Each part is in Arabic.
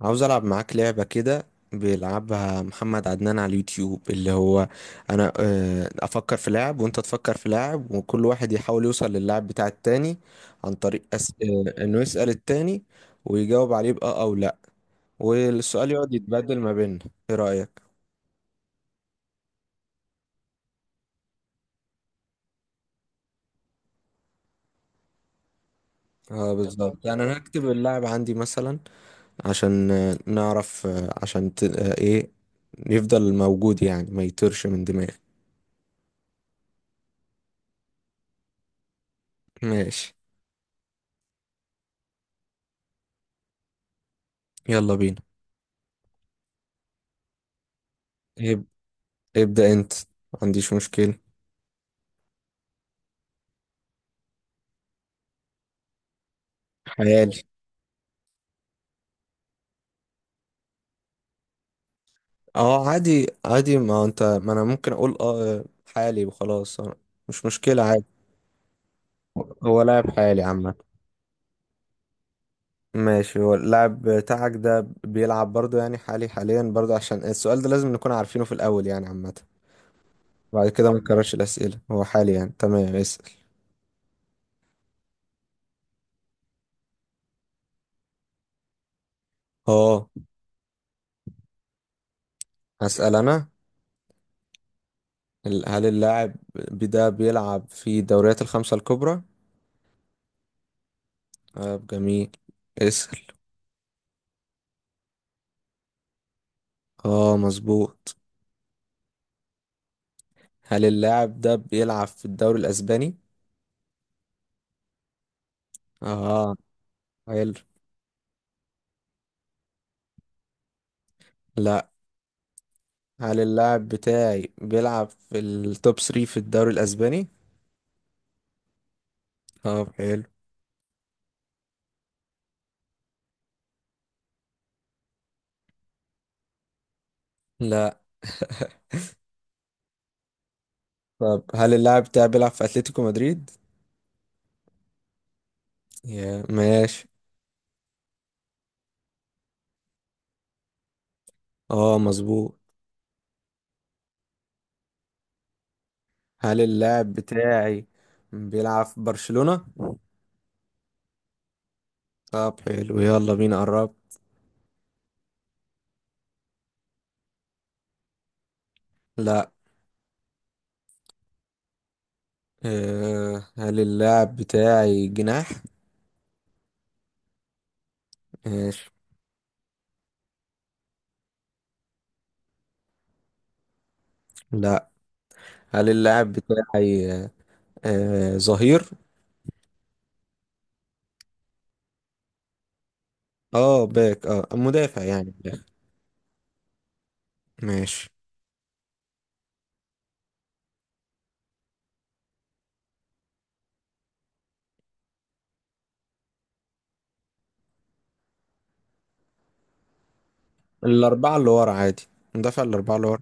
عاوز ألعب معاك لعبة كده. بيلعبها محمد عدنان على اليوتيوب، اللي هو أنا أفكر في لاعب وأنت تفكر في لاعب، وكل واحد يحاول يوصل للاعب بتاع التاني عن طريق أس... آه، إنه يسأل التاني ويجاوب عليه بأه أو لأ، والسؤال يقعد يتبدل ما بيننا. إيه رأيك؟ اه، بالظبط، يعني أنا هكتب اللاعب عندي مثلا عشان نعرف، آه، عشان ت... آه، إيه يفضل موجود، يعني ما يطيرش من دماغي. ماشي، يلا بينا. إيه، ابدأ انت، ما عنديش مشكلة. حيالي. اه عادي عادي، ما انا ممكن اقول اه حالي وخلاص، مش مشكلة، عادي. هو لاعب حالي عامة. ماشي، هو اللاعب بتاعك ده بيلعب برضو، يعني حالي حاليا برضو، عشان السؤال ده لازم نكون عارفينه في الأول، يعني عامة. بعد كده ما نكررش الأسئلة، هو حالي يعني، تمام، اسأل. اه، هسأل أنا. هل اللاعب ده بيلعب في الدوريات الخمسة الكبرى؟ اه، جميل، اسأل. اه، مظبوط. هل اللاعب ده بيلعب في الدوري الأسباني؟ اه، حلو. لا. هل اللاعب بتاعي بيلعب في التوب 3 في الدوري الأسباني؟ طب حلو. لا. طب هل اللاعب بتاعي بيلعب في أتلتيكو مدريد؟ يا ماشي. اه مظبوط. هل اللاعب بتاعي بيلعب في برشلونة؟ طب حلو، يلا بينا قرب. لا. أه، هل اللاعب بتاعي جناح؟ ماشي. لا. هل اللاعب بتاعي أه آه، ظهير؟ اه باك، اه مدافع يعني، باك. ماشي، الأربعة اللي ورا عادي، مدافع الأربعة اللي ورا.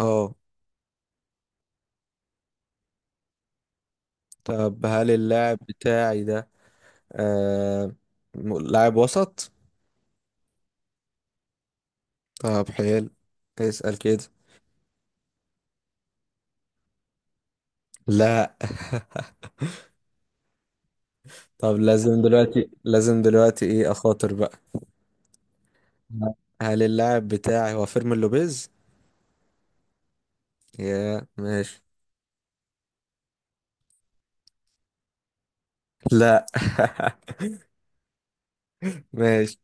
اه. طب هل اللاعب بتاعي ده آه لاعب وسط؟ طب حلو، اسأل كده. لا. طب لازم دلوقتي، لازم دلوقتي، ايه، أخاطر بقى. هل اللاعب بتاعي هو فيرمين لوبيز؟ يا ماشي. لا. ماشي.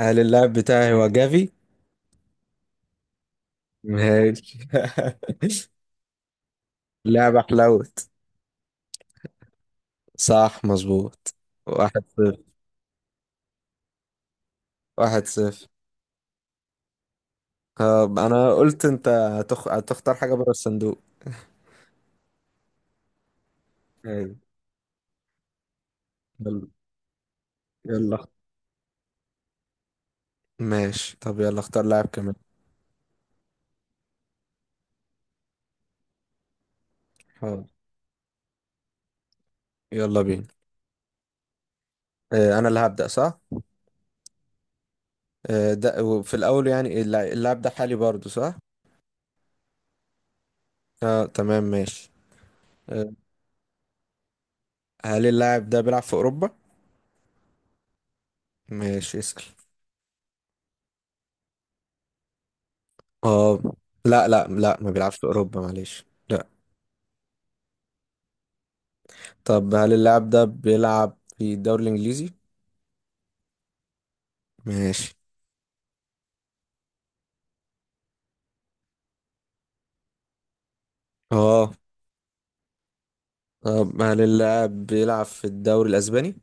هل اللاعب بتاعي هو جافي؟ ماشي. لعبة حلوت. صح، مظبوط. واحد صفر، واحد صفر. طب انا قلت انت هتختار حاجة بره الصندوق. أيوة، يلا. يلا اخت- ماشي، طب يلا اختار لاعب كمان. حاضر، يلا بينا. اه، انا اللي هبدأ، صح؟ اه، ده وفي الاول، يعني اللاعب ده حالي برضو، صح؟ اه، تمام، ماشي. اه، هل اللاعب ده بيلعب في اوروبا؟ ماشي، اسأل. اه. لا لا لا، ما بيلعبش في اوروبا، معلش، لا. طب هل اللاعب ده بيلعب في الدوري الانجليزي؟ ماشي. اه. طب هل اللاعب بيلعب في الدوري الأسباني؟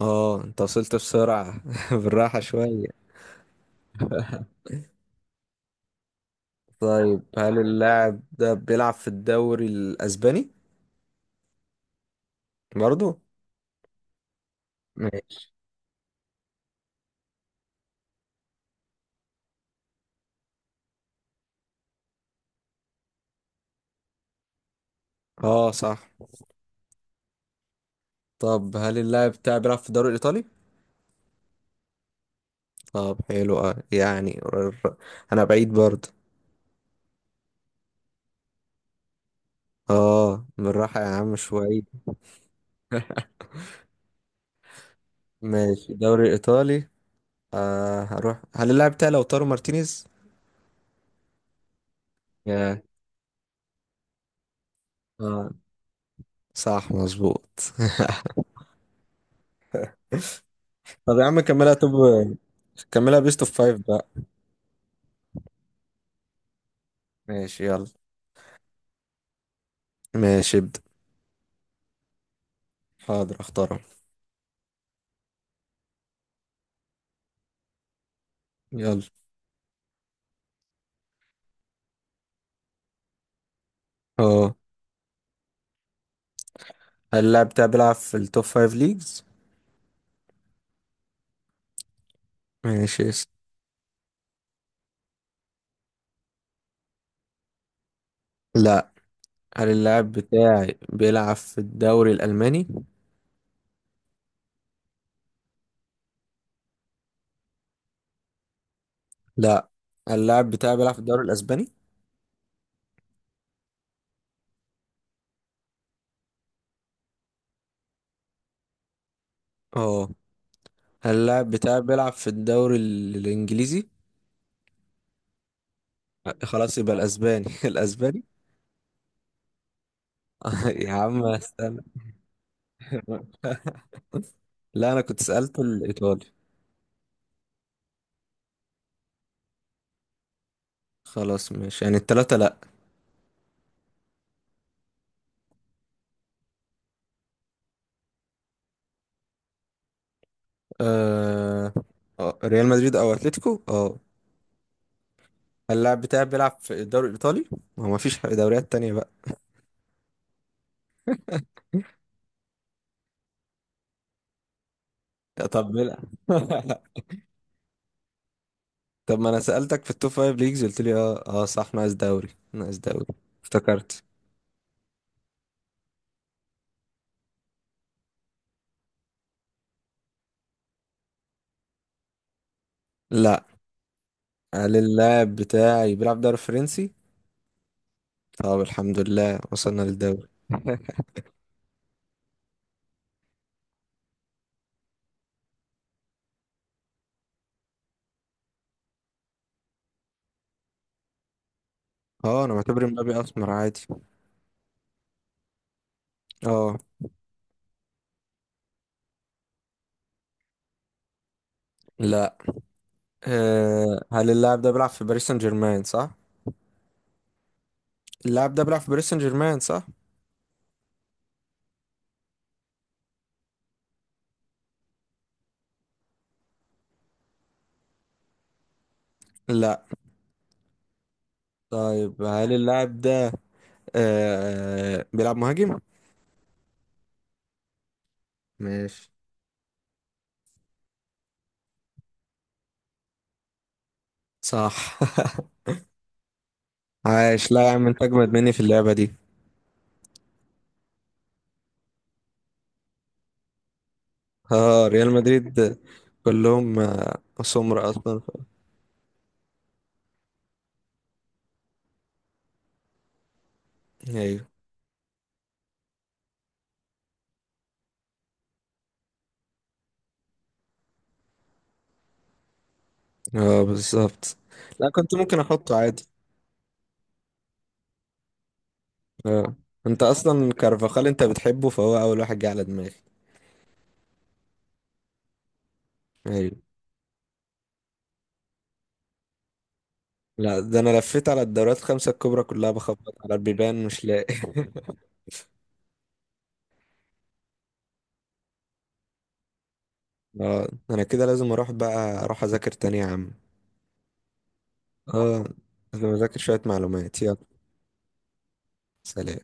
اه، انت وصلت بسرعة. بالراحة شوية. طيب هل اللاعب ده بيلعب في الدوري الأسباني؟ برضو؟ ماشي. اه، صح. طب هل اللاعب بتاعي بيلعب في الدوري الإيطالي؟ طب حلو. اه يعني، أنا بعيد برضو. اه، بالراحة يا عم شوية. ماشي، الدوري الإيطالي، هروح. هل اللاعب بتاعي لو طارو مارتينيز؟ ياه. اه، صح، مظبوط. طب يا عم كملها، طب كملها بيست اوف فايف بقى. ماشي، يلا. ماشي، ابدأ. حاضر، اختارها، يلا. اه، هل اللاعب بتاعي بيلعب في التوب فايف ليجز؟ ماشي، يس. لا. هل اللاعب بتاعي بيلعب في الدوري الألماني؟ لا. هل اللاعب بتاعي بيلعب في الدوري الأسباني؟ اه. هل اللاعب بتاعي بيلعب في الدوري الإنجليزي؟ خلاص يبقى الأسباني. الأسباني؟ يا عم استنى. لا، أنا كنت سألته الإيطالي. خلاص، ماشي، يعني التلاتة لا. آه... ريال مدريد او اتلتيكو، اه. اللاعب بتاعي بيلعب في الدوري الايطالي، ما هو مفيش دوريات تانية بقى. طب بيلعب. طب ما انا سألتك في التوب فايف ليجز، قلت لي اه اه صح، ناقص دوري، ناقص دوري، افتكرت. لا. هل اللاعب بتاعي بيلعب دوري فرنسي؟ طب الحمد لله، وصلنا للدوري. اه، انا معتبر مبابي اسمر عادي. اه. لا. آه، هل اللاعب ده بيلعب في باريس سان جيرمان، صح؟ اللاعب ده بيلعب في باريس سان جيرمان، صح. لا. طيب هل اللاعب ده بيلعب مهاجم؟ ماشي. صح. عاش، لا يا عم، انت اجمد مني في اللعبة دي. اه، ريال مدريد كلهم سمر اصلا، ايوه. اه، بالظبط. لا، كنت ممكن احطه عادي. اه، انت اصلا كارفاخال انت بتحبه، فهو اول واحد جه على دماغي. ايوه. لا، ده انا لفيت على الدوريات الخمسة الكبرى كلها، بخبط على البيبان مش لاقي. اه، انا كده لازم اروح بقى، اروح اذاكر تاني يا عم. اه، لازم اذاكر شوية معلومات، يلا، سلام.